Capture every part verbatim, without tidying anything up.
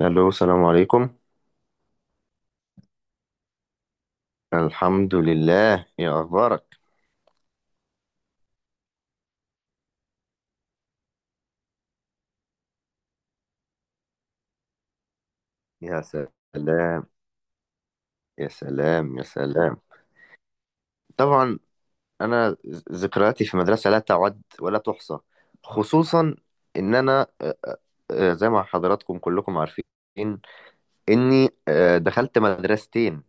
الو، السلام عليكم. الحمد لله، يا اخبارك؟ يا سلام، يا سلام، يا سلام. طبعا، انا ذكرياتي في المدرسه لا تعد ولا تحصى، خصوصا ان انا، آه، آه، زي ما حضراتكم كلكم عارفين اني آه، دخلت مدرستين،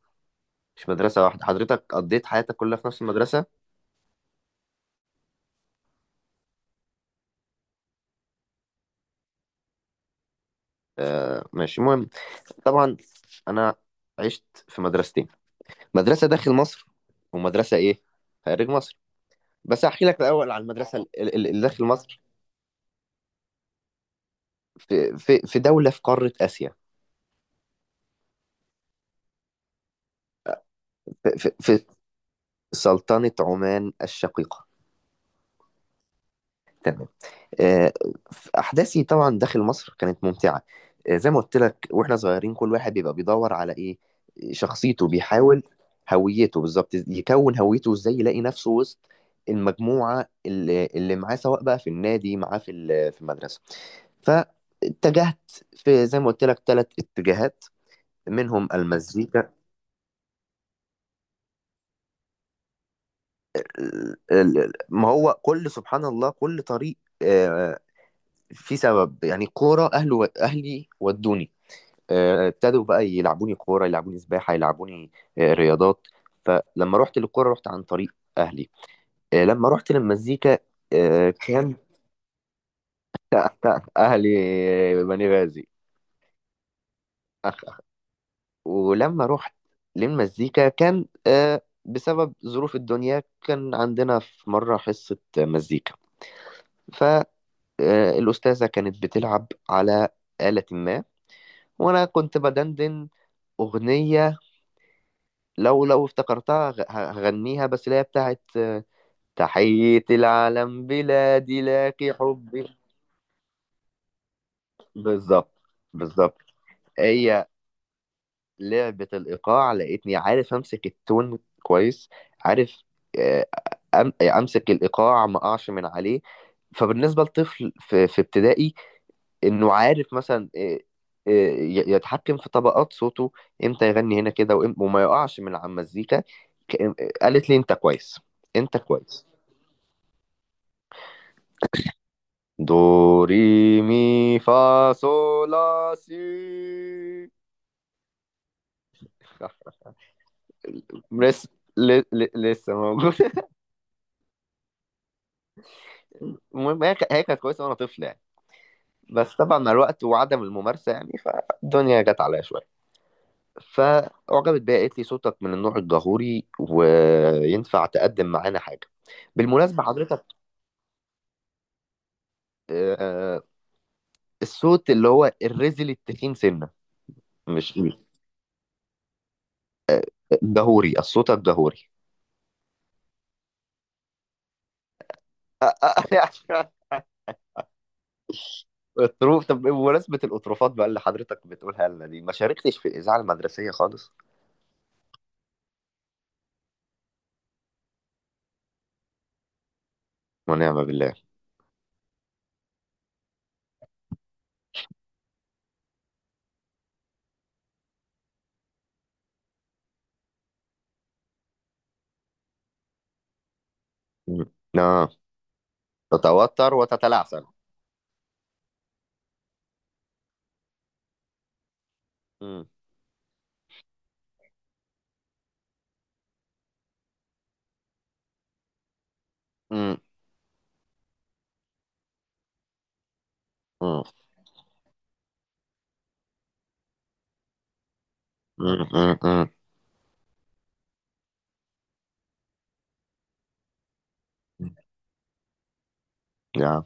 مش مدرسه واحده. حضرتك قضيت حياتك كلها في نفس المدرسه؟ آه، ماشي، المهم. طبعا، انا عشت في مدرستين، مدرسه داخل مصر ومدرسه ايه خارج مصر. بس هحكي لك الاول عن المدرسه ال- ال- اللي داخل مصر. في في في دوله في قاره اسيا، في في في سلطنه عمان الشقيقه. تمام. آه، احداثي طبعا داخل مصر كانت ممتعه. آه، زي ما قلت لك، واحنا صغيرين كل واحد بيبقى بيدور على ايه شخصيته، بيحاول هويته، بالظبط، يكون هويته ازاي، يلاقي نفسه وسط المجموعه اللي اللي معاه، سواء بقى في النادي معاه، في ال- في المدرسه. فاتجهت في زي ما قلت لك ثلاث اتجاهات، منهم المزيكا. ال- ال- ما هو كل، سبحان الله، كل طريق آه، في سبب، يعني كورة، أهله أهلي ودوني. آه، ابتدوا بقى يلعبوني كورة، يلعبوني سباحة، يلعبوني آه، رياضات. فلما رحت للكورة، رحت عن طريق أهلي. آه، لما رحت للمزيكا آه، كان أهلي، آه، بني غازي. أخ، أخ. ولما رحت للمزيكا كان آه، بسبب ظروف الدنيا، كان عندنا في مرة حصة مزيكا. آه، الأستاذة كانت بتلعب على آلة ما، وأنا كنت بدندن أغنية. لو لو افتكرتها غ- هغنيها، بس اللي هي بتاعت آه، تحية العالم، بلادي لك حبي. بالظبط، بالظبط. هي لعبة الإيقاع، لقيتني عارف أمسك التون كويس، عارف، آه، أم- أمسك الإيقاع، ما أقعش من عليه. فبالنسبة لطفل في في ابتدائي، انه عارف مثلا إيه- إيه، ي- يتحكم في طبقات صوته، امتى يغني هنا كده، وإم- وما يقعش من على المزيكا. ك- قالت لي انت كويس. انت كويس. دو، ري، مي، فا، صو، لا، سي. صح. لسه، ل- ل- لسه موجود. المهم، هي ك- هي كانت كويسه وانا طفل يعني. بس طبعا، مع الوقت وعدم الممارسه يعني، فالدنيا جت عليا شويه. فأعجبت بيها، قالت لي صوتك من النوع الجهوري وينفع تقدم معانا حاجة. بالمناسبة حضرتك، آه، الصوت اللي هو الرزل التخين سنة. مش الجهوري، الصوت الجهوري. الطروف. طب بمناسبة الأطروفات بقى اللي حضرتك بتقولها لنا دي، ما شاركتش في الإذاعة المدرسية خالص؟ ونعم بالله. مم. آه. تتوتر وتتلعثم؟ مم. مم. مم. مم. مم. مم. يا.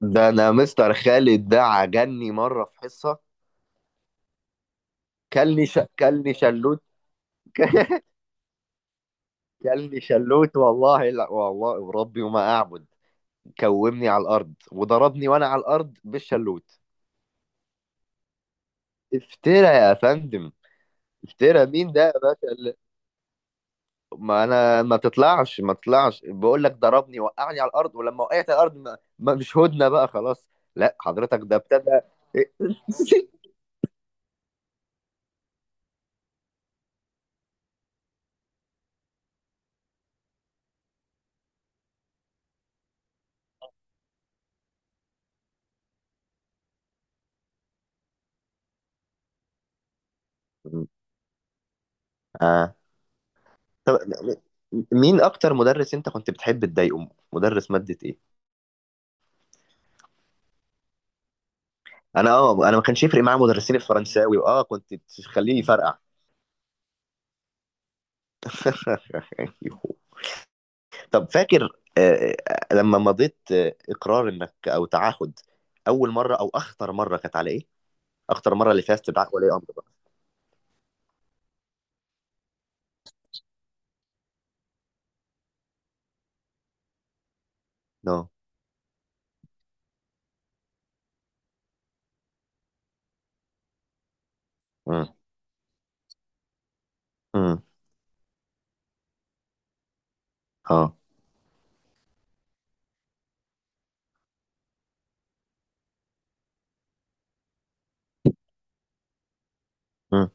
ده أنا مستر خالد ده عجني مرة في حصة. كان لي ش... كان لي شلوت. كان لي شلوت، والله لا والله وربي وما أعبد، كومني على الأرض وضربني وأنا على الأرض بالشلوت. افترى يا فندم. افترى، مين ده يا باشا اللي- ما أنا، ما تطلعش ما تطلعش، بقول لك ضربني وقعني على الأرض، ولما وقعت على الأرض ما... ما مش هدنة بقى خلاص. لا، حضرتك ده ابتدى. آه. طب، مين أكتر مدرس أنت كنت بتحب تضايقه؟ مدرس مادة إيه؟ انا اه انا ما كانش يفرق معايا مدرسين الفرنساوي، اه كنت تخليني يفرقع. طب فاكر، آه، آه، لما مضيت آه، اقرار انك او تعهد، اول مره او اخطر مره كانت على ايه؟ اخطر مره اللي فيها استدعاء ولي امر بقى. نو. امم. امم. اه. امم.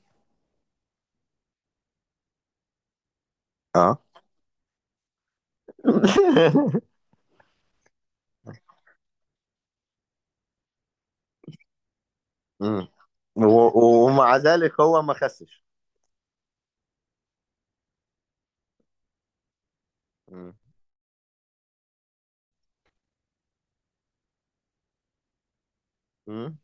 اه. مم. و- ومع ذلك هو ما خسش. مم. مم.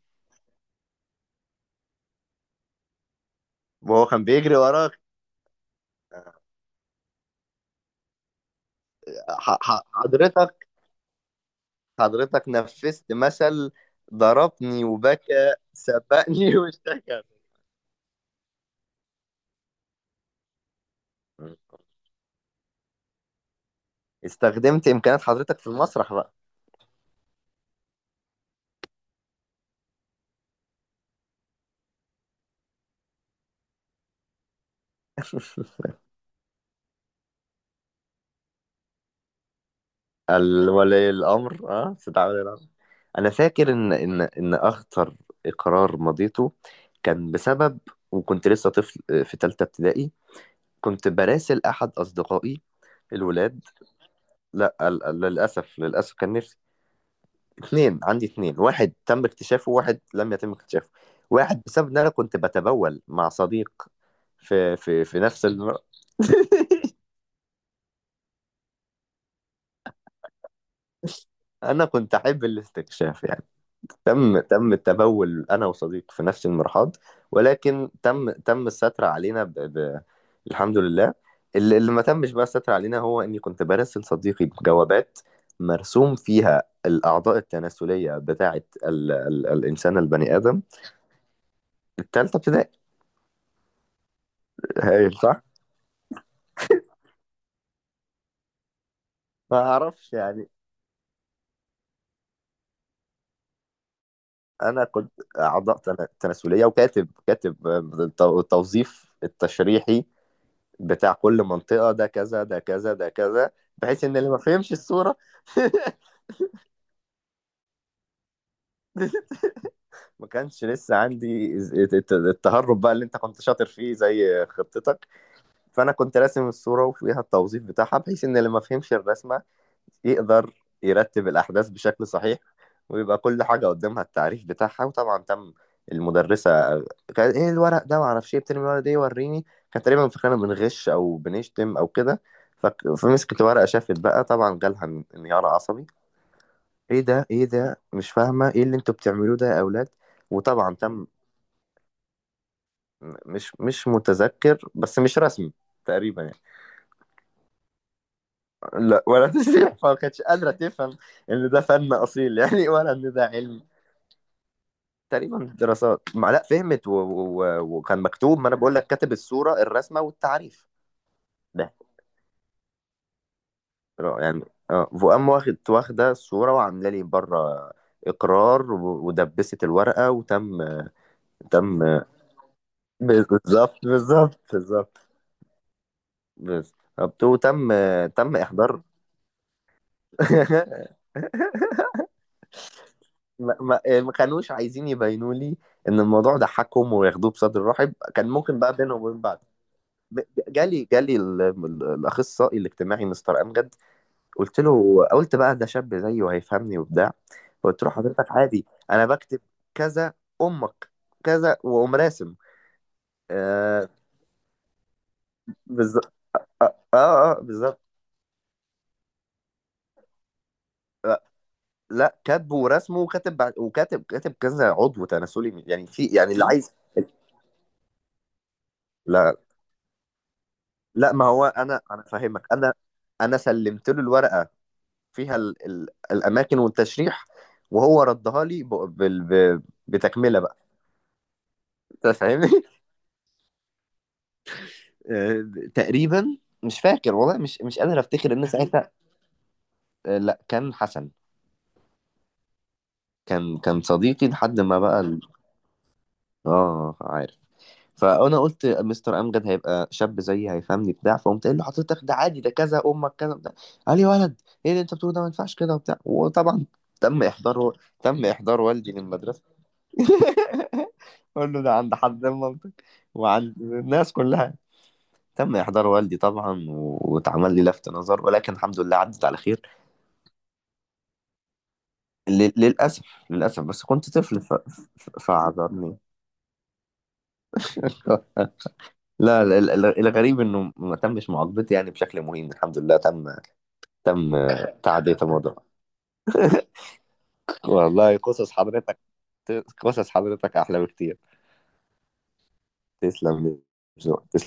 وهو كان بيجري وراك؟ آه، ح- ح- حضرتك حضرتك نفذت مثل ضربني وبكى، سبقني واشتكى. استخدمت إمكانيات حضرتك في المسرح بقى. ال- ولي الأمر، اه استدعاء ولي الأمر. أنا فاكر إن إن إن أخطر إقرار مضيته كان بسبب، وكنت لسه طفل آه، في تالتة ابتدائي، كنت براسل أحد أصدقائي، الولاد. لا، ال- ال- للأسف للأسف كان نفسي اتنين، عندي اتنين، واحد تم اكتشافه وواحد لم يتم اكتشافه. واحد بسبب ان انا كنت بتبول مع صديق في في في نفس المرأة. انا كنت احب الاستكشاف يعني. تم تم التبول، انا وصديق في نفس المرحاض، ولكن تم تم الستر علينا، ب... ب... الحمد لله. اللي اللي ما تمش بقى الستر علينا، هو اني كنت برسل صديقي بجوابات مرسوم فيها الاعضاء التناسليه بتاعه ال... ال... الانسان البني ادم. التالتة ابتدائي. هايل، صح. ما اعرفش يعني. انا كنت اعضاء تنا- تناسليه، وكاتب كاتب التو- التوظيف التشريحي بتاع كل منطقه، ده كذا، ده كذا، ده كذا، بحيث ان اللي ما فهمش الصوره. ما كانش لسه عندي التهرب بقى اللي انت كنت شاطر فيه زي خطتك. فانا كنت راسم الصوره وفيها التوظيف بتاعها، بحيث ان اللي ما فهمش الرسمه يقدر يرتب الاحداث بشكل صحيح، ويبقى كل حاجه قدامها التعريف بتاعها، وطبعا تم. المدرسه كانت ايه الورق ده؟ معرفش ايه بترمي الورق ده، إيه، وريني. كان تقريبا فاكرانا بنغش او بنشتم او كده. فك- فمسكت ورقه، شافت بقى طبعا، جالها ان- انهيار عصبي. ايه ده، ايه ده، مش فاهمه ايه اللي انتوا بتعملوه ده يا اولاد؟ وطبعا تم. مش مش متذكر، بس مش رسمي، تقريبا يعني. لا ولا تسريح، فما كانتش قادرة تفهم إن ده فن أصيل يعني، ولا إن ده علم. تقريبا دراسات ما، لا فهمت، و... و... وكان مكتوب، ما أنا بقول لك كاتب الصورة، الرسمة والتعريف. ده يعني، اه، فقام واخد واخدة الصورة وعاملة لي بره إقرار، و... ودبست الورقة وتم. تم. بالظبط، بالظبط، بالظبط. بالظبط، وتم. تم إحضار. ما ما آه، ما كانوش عايزين يبينوا لي ان الموضوع ضحكهم وياخدوه بصدر رحب، كان ممكن بقى بينهم وبين بعض. ب- جالي جالي ال- ال- الاخصائي الاجتماعي مستر امجد. قلت له، قلت بقى ده شاب زيي وهيفهمني وبتاع. قلت له حضرتك عادي، انا بكتب كذا، امك، كذا، واقوم راسم. آه بالظبط. اه اه بالظبط. آه، لا كاتبه ورسمه وكاتب بعد- وكاتب كاتب كذا عضو تناسلي يعني، في يعني اللي عايز. لا، لا، ما هو انا انا فاهمك انا. انا سلمت له الورقه فيها ال ال الاماكن والتشريح، وهو ردها لي ب بال ب بتكمله بقى. انت فاهمني؟ آه، تقريبا مش فاكر والله، مش مش قادر افتكر ان ساعتها. آه، لا، كان حسن. كان كان صديقي لحد ما بقى ال- اه، فانا قلت مستر امجد هيبقى شاب زيي هيفهمني بتاع، فقمت قايل له حضرتك ده عادي ده كذا امك كذا بتاع. قال لي يا ولد، ايه اللي انت بتقوله ده، ما ينفعش كده وبتاع، وطبعا تم احضار، تم احضار والدي للمدرسه. قول له ده عند حد مامتك وعند الناس كلها. تم احضار والدي طبعا، واتعمل لي لفت نظر، ولكن الحمد لله عدت على خير. ل- للاسف، للاسف بس كنت طفل، ف... ف... فعذرني. لا، لا، ال- الغريب انه ما تمش معاقبتي يعني بشكل مهين. الحمد لله تم تم تعدية الموضوع. والله، قصص حضرتك، قصص حضرتك أحلى بكتير. تسلم لي. تسلم.